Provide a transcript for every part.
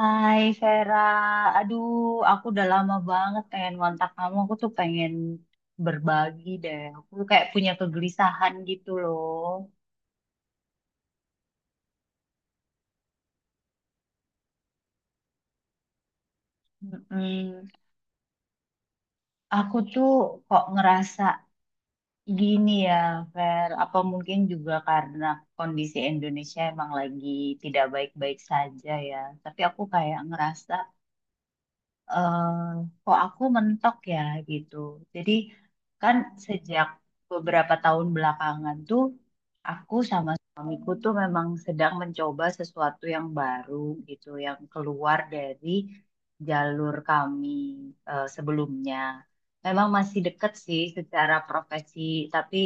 Hai Vera, aduh aku udah lama banget pengen ngontak kamu, aku tuh pengen berbagi deh, aku kayak punya kegelisahan gitu loh. Mm-mm. Aku tuh kok ngerasa gini ya Ver, apa mungkin juga karena kondisi Indonesia emang lagi tidak baik-baik saja ya, tapi aku kayak ngerasa eh kok aku mentok ya gitu. Jadi kan sejak beberapa tahun belakangan tuh aku sama suamiku tuh memang sedang mencoba sesuatu yang baru gitu, yang keluar dari jalur kami sebelumnya. Memang masih dekat sih secara profesi, tapi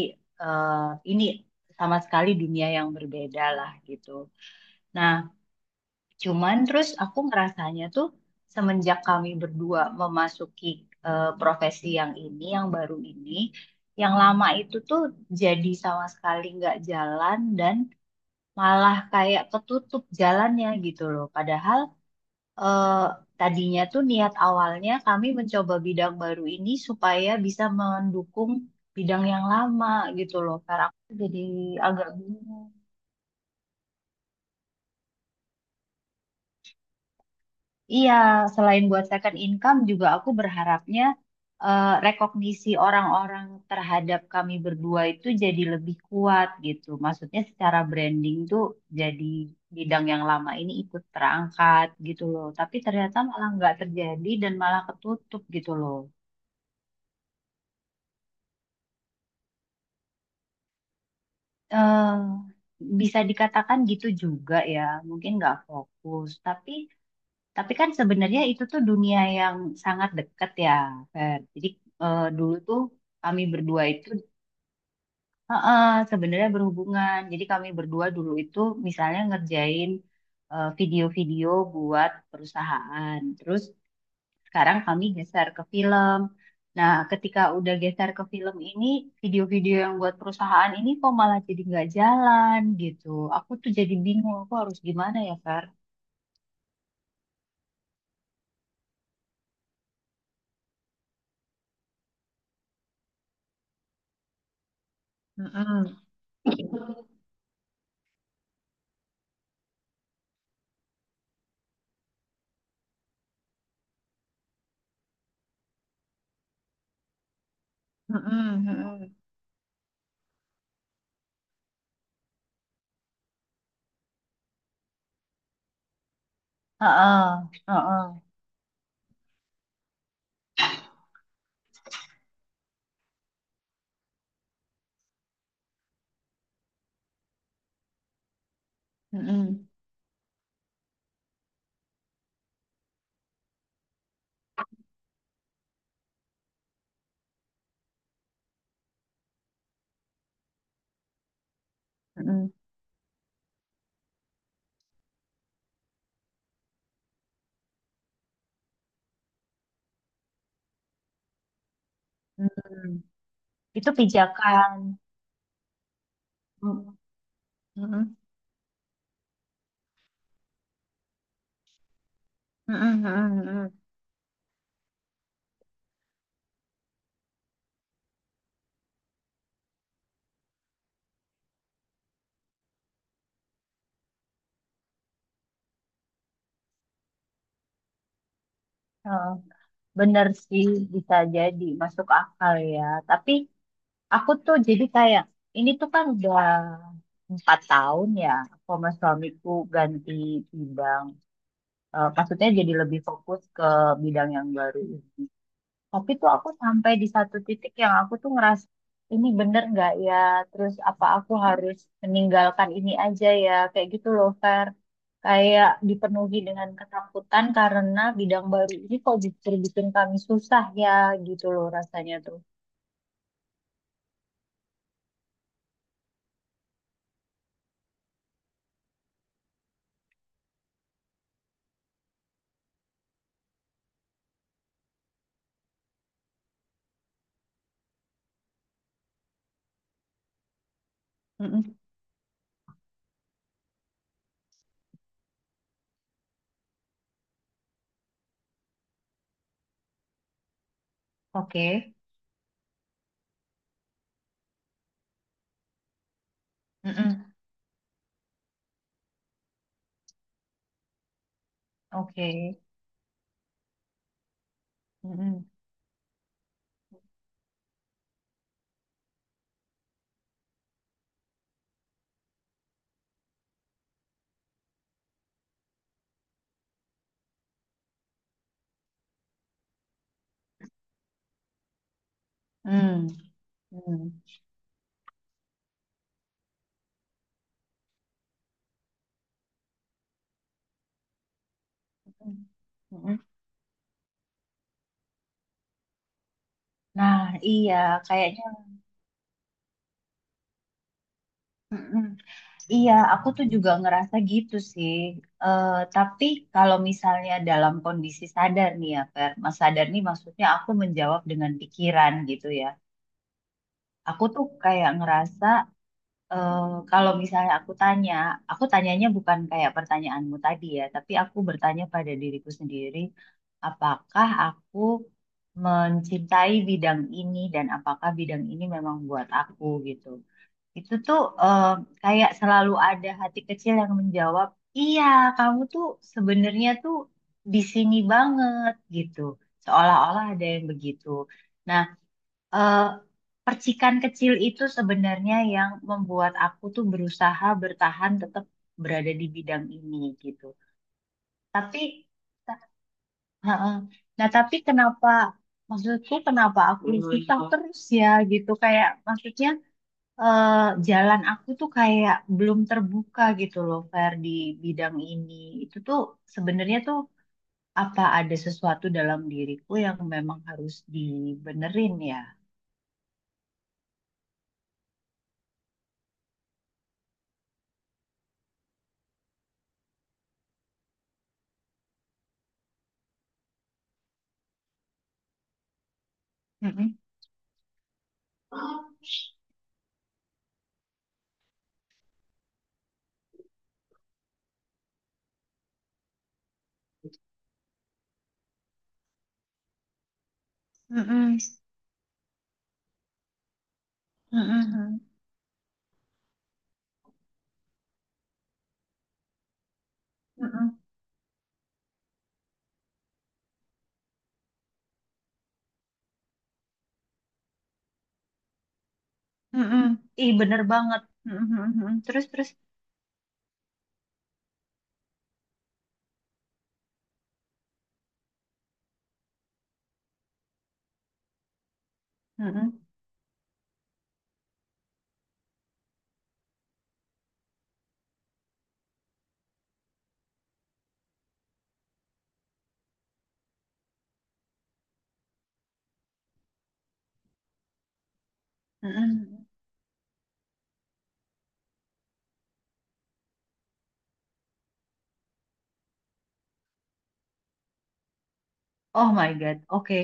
eh, ini sama sekali dunia yang berbeda lah gitu. Nah, Cuman terus aku ngerasanya tuh semenjak kami berdua memasuki profesi yang ini, yang baru ini, yang lama itu tuh jadi sama sekali nggak jalan dan malah kayak ketutup jalannya gitu loh. Padahal eh, tadinya tuh niat awalnya kami mencoba bidang baru ini supaya bisa mendukung bidang yang lama gitu loh. Karena aku jadi agak bingung. Iya, selain buat second income juga aku berharapnya rekognisi orang-orang terhadap kami berdua itu jadi lebih kuat gitu. Maksudnya secara branding tuh jadi bidang yang lama ini ikut terangkat gitu loh. Tapi ternyata malah nggak terjadi dan malah ketutup gitu loh. eh Bisa dikatakan gitu juga ya, mungkin nggak fokus. Tapi kan sebenarnya itu tuh dunia yang sangat dekat ya, Fer. Jadi dulu tuh kami berdua itu heeh, sebenarnya berhubungan. Jadi kami berdua dulu itu misalnya ngerjain video-video buat perusahaan. Terus sekarang kami geser ke film. Nah, ketika udah geser ke film ini, video-video yang buat perusahaan ini kok malah jadi nggak jalan gitu. Aku tuh jadi bingung, aku harus gimana ya, Fer? Mm-mm, mm-mm, mm-mm. Heeh, heeh. Mm-mm, mm-mm, mm-mm. Itu pijakan. Mm, mm-mm, mm-mm, mm-mm, mm-mm. Heeh. Bener sih, bisa jadi masuk akal ya. Tapi aku tuh jadi kayak ini tuh kan udah 4 tahun ya aku sama suamiku ganti bidang. Eh, maksudnya jadi lebih fokus ke bidang yang baru. Tapi tuh aku sampai di satu titik yang aku tuh ngerasa ini bener nggak ya? Terus apa aku harus meninggalkan ini aja ya? Kayak gitu loh, Fer. Kayak dipenuhi dengan ketakutan karena bidang baru ini kok justru bikin kami susah ya gitu loh rasanya tuh. Mm-mm. Oke. Mm-mm. Oke. Mm-mm. Mm. Mm. Mm. Nah, iya, kayaknya. Mm-mm. Iya, aku tuh juga ngerasa gitu sih. Eh, tapi kalau misalnya dalam kondisi sadar nih ya, Fer. Mas sadar nih maksudnya aku menjawab dengan pikiran gitu ya. Aku tuh kayak ngerasa eh, kalau misalnya aku tanya, aku tanyanya bukan kayak pertanyaanmu tadi ya, tapi aku bertanya pada diriku sendiri, apakah aku mencintai bidang ini dan apakah bidang ini memang buat aku gitu. Itu tuh eh, kayak selalu ada hati kecil yang menjawab, iya kamu tuh sebenarnya tuh di sini banget gitu. Seolah-olah ada yang begitu. Nah, eh, percikan kecil itu sebenarnya yang membuat aku tuh berusaha bertahan tetap berada di bidang ini gitu. Tapi, heeh, nah tapi kenapa, maksudku kenapa aku susah terus ya gitu. Kayak maksudnya eh, jalan aku tuh kayak belum terbuka gitu loh, Fer, di bidang ini. Itu tuh sebenarnya tuh apa ada sesuatu dalam diriku yang memang harus dibenerin ya? Mm-mm. Mm-mm. Mm-mm. Mm-mm. Mm-mm. Ih, bener banget. Mm-mm. Terus, terus. Mm-mm. Mm-mm. Oh my God. Oke.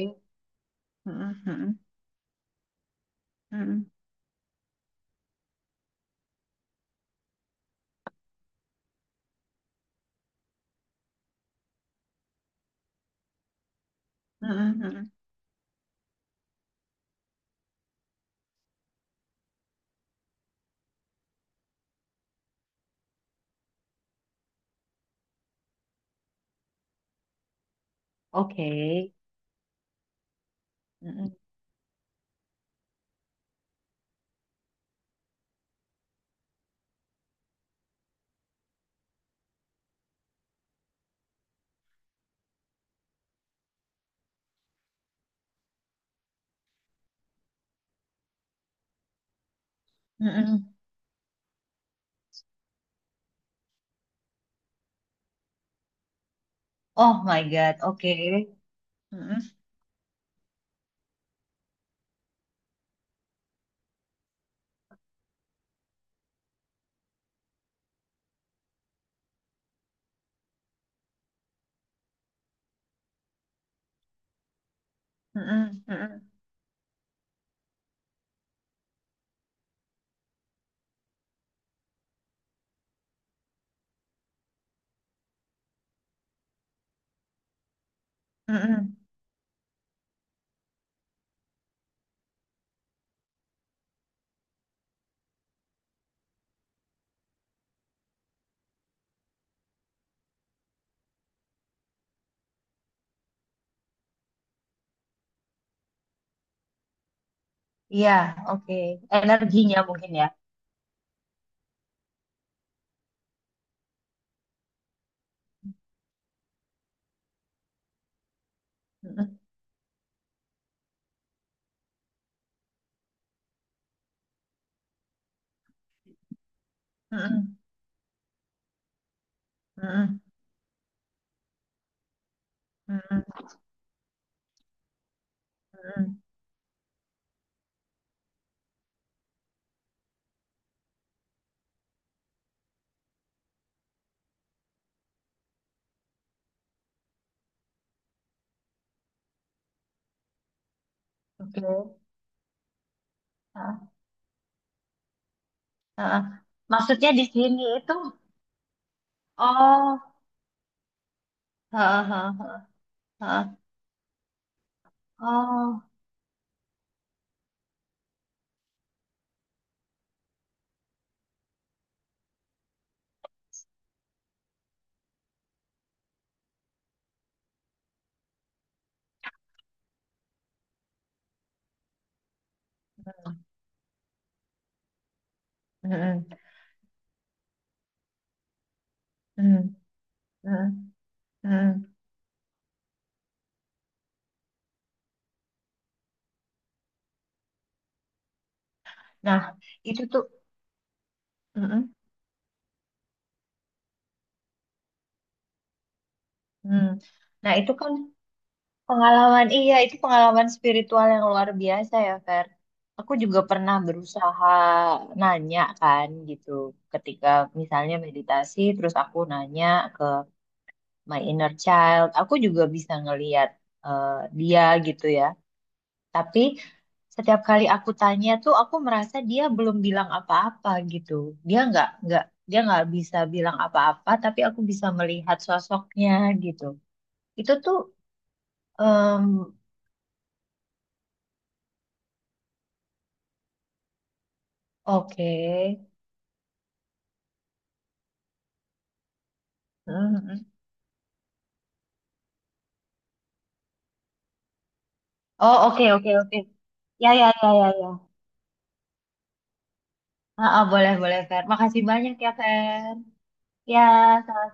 Mm-mm. Mm-mm. Mm-mm. Oke. Mm-mm. Mm-mm. Oh my God. Oke. Mm-mm, mm-mm, mm-mm. Iya, oke. Energinya mungkin ya. Mm-mm, mm-mm, mm-mm, mm-mm, mm-mm. Oke. Ah, ah, ah. Maksudnya di sini itu, oh, ah, ah, ah, ah, ah. Oh, mm-mm, mm-mm, mm-mm, mm-mm. Nah, itu tuh, mm-mm, mm. Nah, itu kan. Pengalaman, iya itu pengalaman spiritual yang luar biasa ya, Fer. Aku juga pernah berusaha nanya kan gitu, ketika misalnya meditasi, terus aku nanya ke my inner child, aku juga bisa ngeliat eh, dia gitu ya. Tapi setiap kali aku tanya tuh, aku merasa dia belum bilang apa-apa gitu. Dia nggak nggak dia nggak bisa bilang apa-apa, tapi aku bisa melihat sosoknya gitu. Itu tuh em, oke. Hmm. Oh, oke, oke, oke. Ya, ya, ya, ya, ya. Ah, ah, boleh, boleh, Fer. Makasih banyak ya, Fer. Ya,